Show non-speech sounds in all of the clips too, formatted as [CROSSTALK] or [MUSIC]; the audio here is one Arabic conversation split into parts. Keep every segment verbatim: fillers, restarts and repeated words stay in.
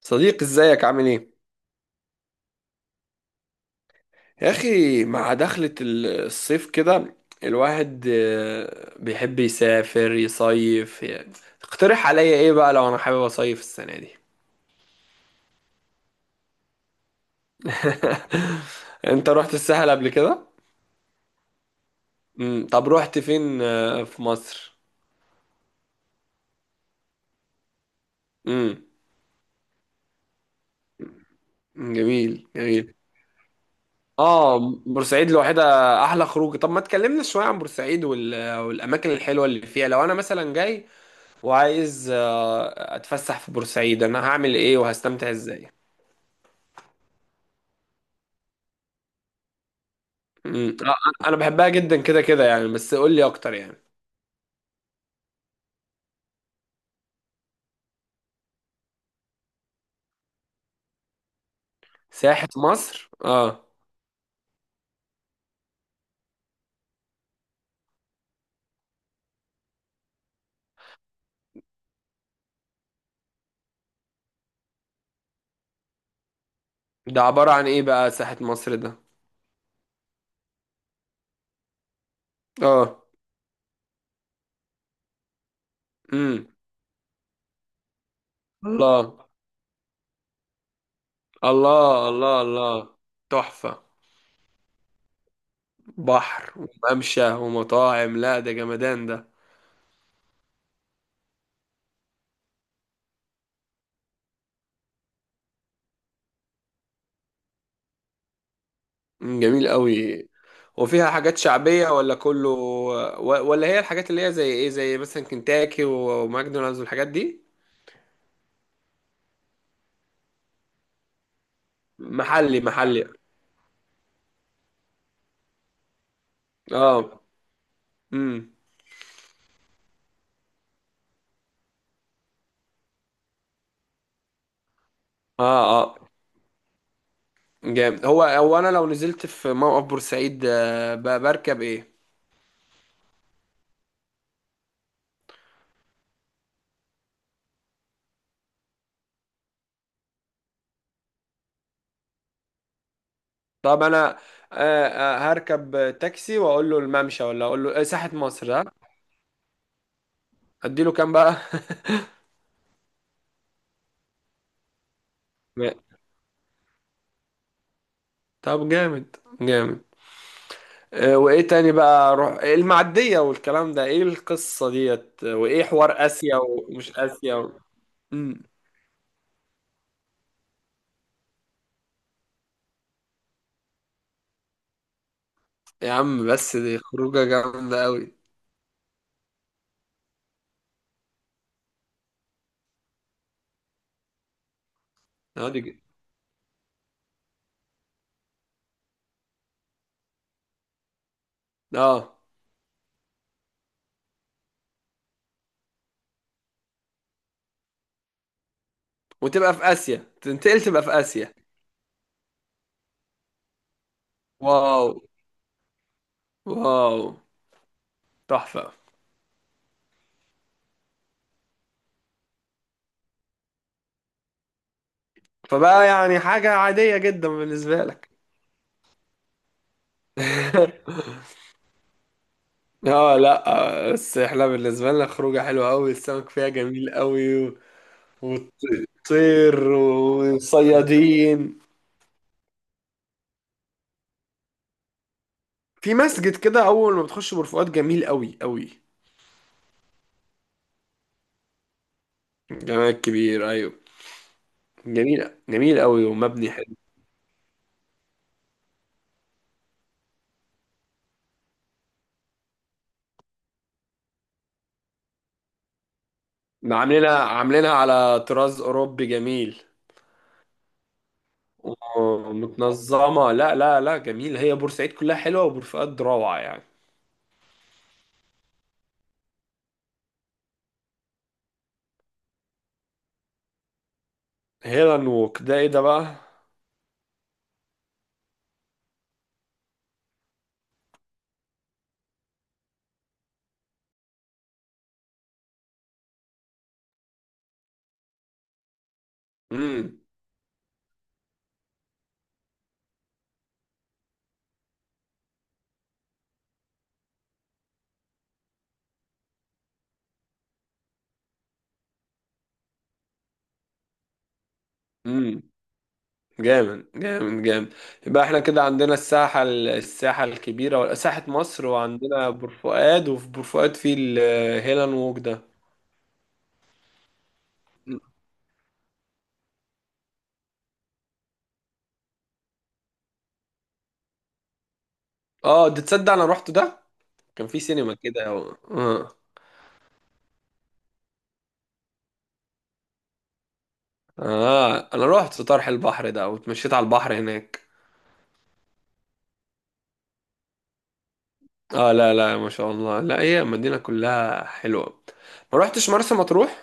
صديق، ازيك عامل ايه؟ يا اخي، مع دخلة ال- الصيف كده الواحد آه، بيحب يسافر يصيف يعني. اقترح عليا ايه بقى لو انا حابب اصيف السنة دي؟ [LAUGHS] انت رحت الساحل قبل كده؟ امم طب رحت فين آه، في مصر؟ امم. جميل، جميل. اه، بورسعيد لوحدها احلى خروج. طب ما تكلمنا شوية عن بورسعيد وال- والاماكن الحلوة اللي فيها. لو انا مثلا جاي وعايز آه، اتفسح في بورسعيد، انا هعمل ايه وهستمتع ازاي؟ مم. آه، انا بحبها جدا، كده كده يعني، بس قول لي اكتر يعني. ساحة مصر، اه. ده عبارة عن ايه بقى ساحة مصر ده؟ اه. امم. الله، الله، الله، الله. تحفة. بحر وممشى ومطاعم، لا ده جمدان ده. مم، جميل قوي. وفيها حاجات شعبية ولا كله و- ولا هي الحاجات اللي هي زي ايه، زي مثلا كنتاكي وماكدونالدز والحاجات دي؟ محلي، محلي. اه. امم. اه. آه. جامد. هو هو انا لو نزلت في موقف بورسعيد، آه، ب- بركب ايه؟ طب انا، آه، آه، هركب تاكسي واقول له الممشى، ولا اقول له آه، ساحة مصر؟ ها؟ اديله كام بقى؟ [LAUGHS] م- طب جامد، جامد. آه، وايه تاني بقى؟ اروح المعدية والكلام ده، ايه القصة ديت؟ آه، وايه حوار اسيا ومش اسيا و... مم. يا عم، بس دي خروجة جامدة قوي. اه دي ج- اه. وتبقى في اسيا، تنتقل تبقى في اسيا. واو. واو. تحفة. فبقى يعني حاجة عادية جدا بالنسبة لك. [LAUGHS] اه، لا آه، بس احنا بالنسبة لنا خروجة حلوة قوي، السمك فيها جميل قوي و- وطير وصيادين. في مسجد كده اول ما بتخش برفقات، جميل قوي قوي. جمال كبير، ايوه. جميل، جميل قوي، ومبني حلو. عاملينها، عاملينها على طراز اوروبي جميل. ومتنظمة. لا، لا، لا، جميل. هي بورسعيد كلها حلوة، وبورفؤاد روعة يعني. هيل اند ووك ده ايه ده بقى؟ مم. امم. جامد، جامد، جامد. يبقى احنا كده عندنا الساحة، ال- الساحة الكبيرة ولا ساحة مصر، وعندنا بورفؤاد، وفي بورفؤاد في الهيلان ووك ده. اه ده، تصدق انا روحت ده. كان في سينما كده، اه. اه، انا روحت طرح البحر ده، واتمشيت على البحر هناك. اه لا لا، ما شاء الله، لا هي المدينة كلها حلوة. ما روحتش مرسى مطروح.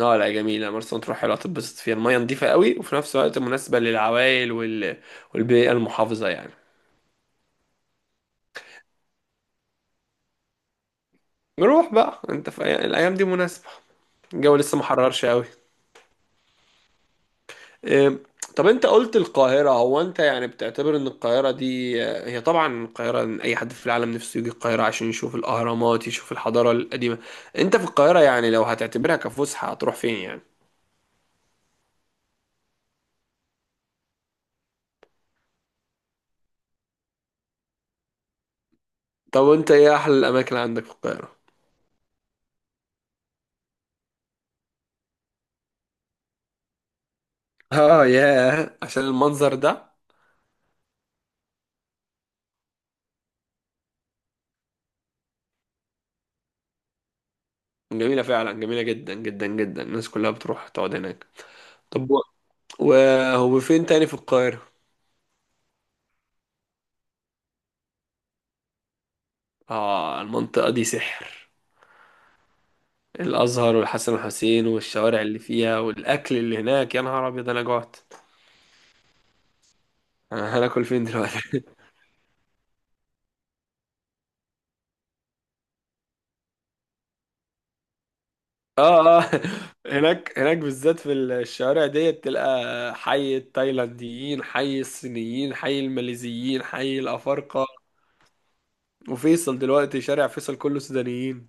اه، لا جميلة مرسى مطروح، حلوة تتبسط فيها، المية نظيفة قوي، وفي نفس الوقت مناسبة للعوائل وال... والبيئة المحافظة يعني. نروح بقى، انت في أي- الايام دي مناسبة، الجو لسه محررش قوي. إيه، طب انت قلت القاهرة. هو انت يعني بتعتبر ان القاهرة دي آه، هي طبعا القاهرة، إن اي حد في العالم نفسه يجي القاهرة عشان يشوف الاهرامات، يشوف الحضارة القديمة. انت في القاهرة يعني، لو هتعتبرها كفسحة هتروح فين يعني؟ طب انت ايه احلى الاماكن عندك في القاهرة؟ اه ياه، عشان المنظر ده. جميلة فعلا، جميلة جدا جدا جدا، الناس كلها بتروح تقعد هناك. طب و- وهو فين تاني في القاهرة؟ اه، المنطقة دي سحر. الازهر والحسن والحسين والشوارع اللي فيها والاكل اللي هناك، يا نهار ابيض، انا جعت. انا هناكل فين دلوقتي؟ [LAUGHS] اه، اه، هناك، هناك بالذات، في الشوارع ديت تلقى حي التايلانديين، حي الصينيين، حي الماليزيين، حي الافارقه. وفيصل دلوقتي، شارع فيصل كله سودانيين.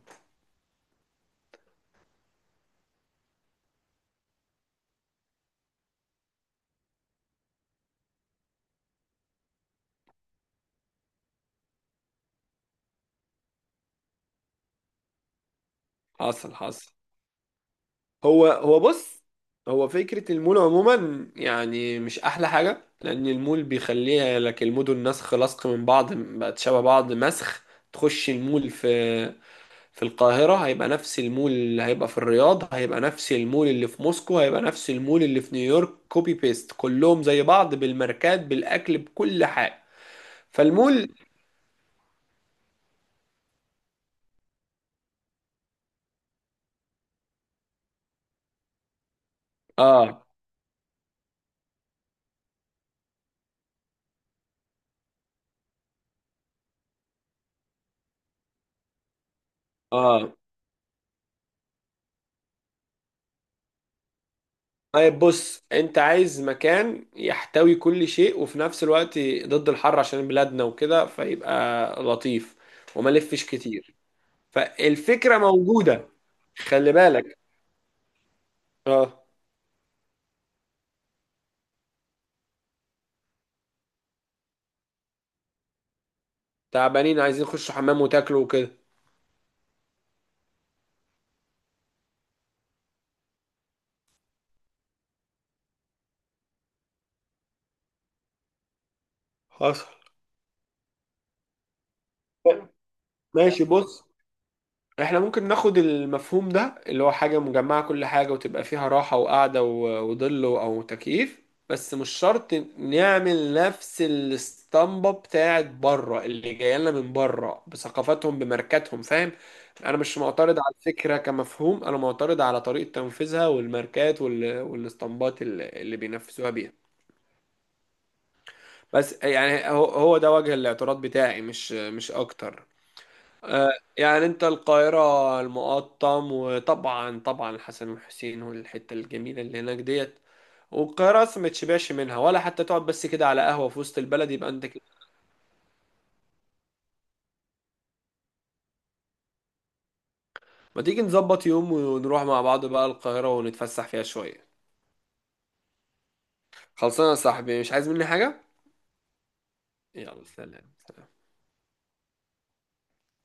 حصل، حصل. هو هو بص، هو فكرة المول عموما يعني مش أحلى حاجة، لأن المول بيخليها لك المدن نسخ لصق من بعض، بقت شبه بعض، مسخ. تخش المول في في القاهرة، هيبقى نفس المول اللي هيبقى في الرياض، هيبقى نفس المول اللي في موسكو، هيبقى نفس المول اللي في نيويورك، كوبي بيست، كلهم زي بعض، بالماركات بالأكل بكل حاجة. فالمول، اه. اه، طيب بص، انت عايز مكان يحتوي كل شيء، وفي نفس الوقت ضد الحر عشان بلادنا وكده، فيبقى لطيف وما لفش كتير. فالفكرة موجودة. خلي بالك. اه. تعبانين، عايزين يخشوا حمام وتاكلوا وكده. حصل. ماشي، بص، احنا ممكن ناخد المفهوم ده، اللي هو حاجة مجمعة كل حاجة، وتبقى فيها راحة وقعدة و- وظل او تكييف، بس مش شرط نعمل نفس الاسطمبة بتاعت بره اللي جاية لنا من بره بثقافتهم بماركاتهم، فاهم؟ انا مش معترض على الفكرة كمفهوم، انا معترض على طريقة تنفيذها والماركات وال- والاسطمبات اللي اللي بينفذوها بيها. بس يعني هو هو ده وجه الاعتراض بتاعي، مش مش اكتر. آه، يعني انت، القاهرة، المقطم، وطبعا طبعا الحسن والحسين والحتة الجميلة اللي هناك ديت. والقاهرة اصلا ما تشبعش منها، ولا حتى تقعد بس كده على قهوة في وسط البلد، يبقى انت كده. ما تيجي نظبط يوم ونروح مع بعض بقى القاهرة، ونتفسح فيها شوية. خلصانة يا صاحبي، مش عايز مني حاجة. يلا، سلام، سلام.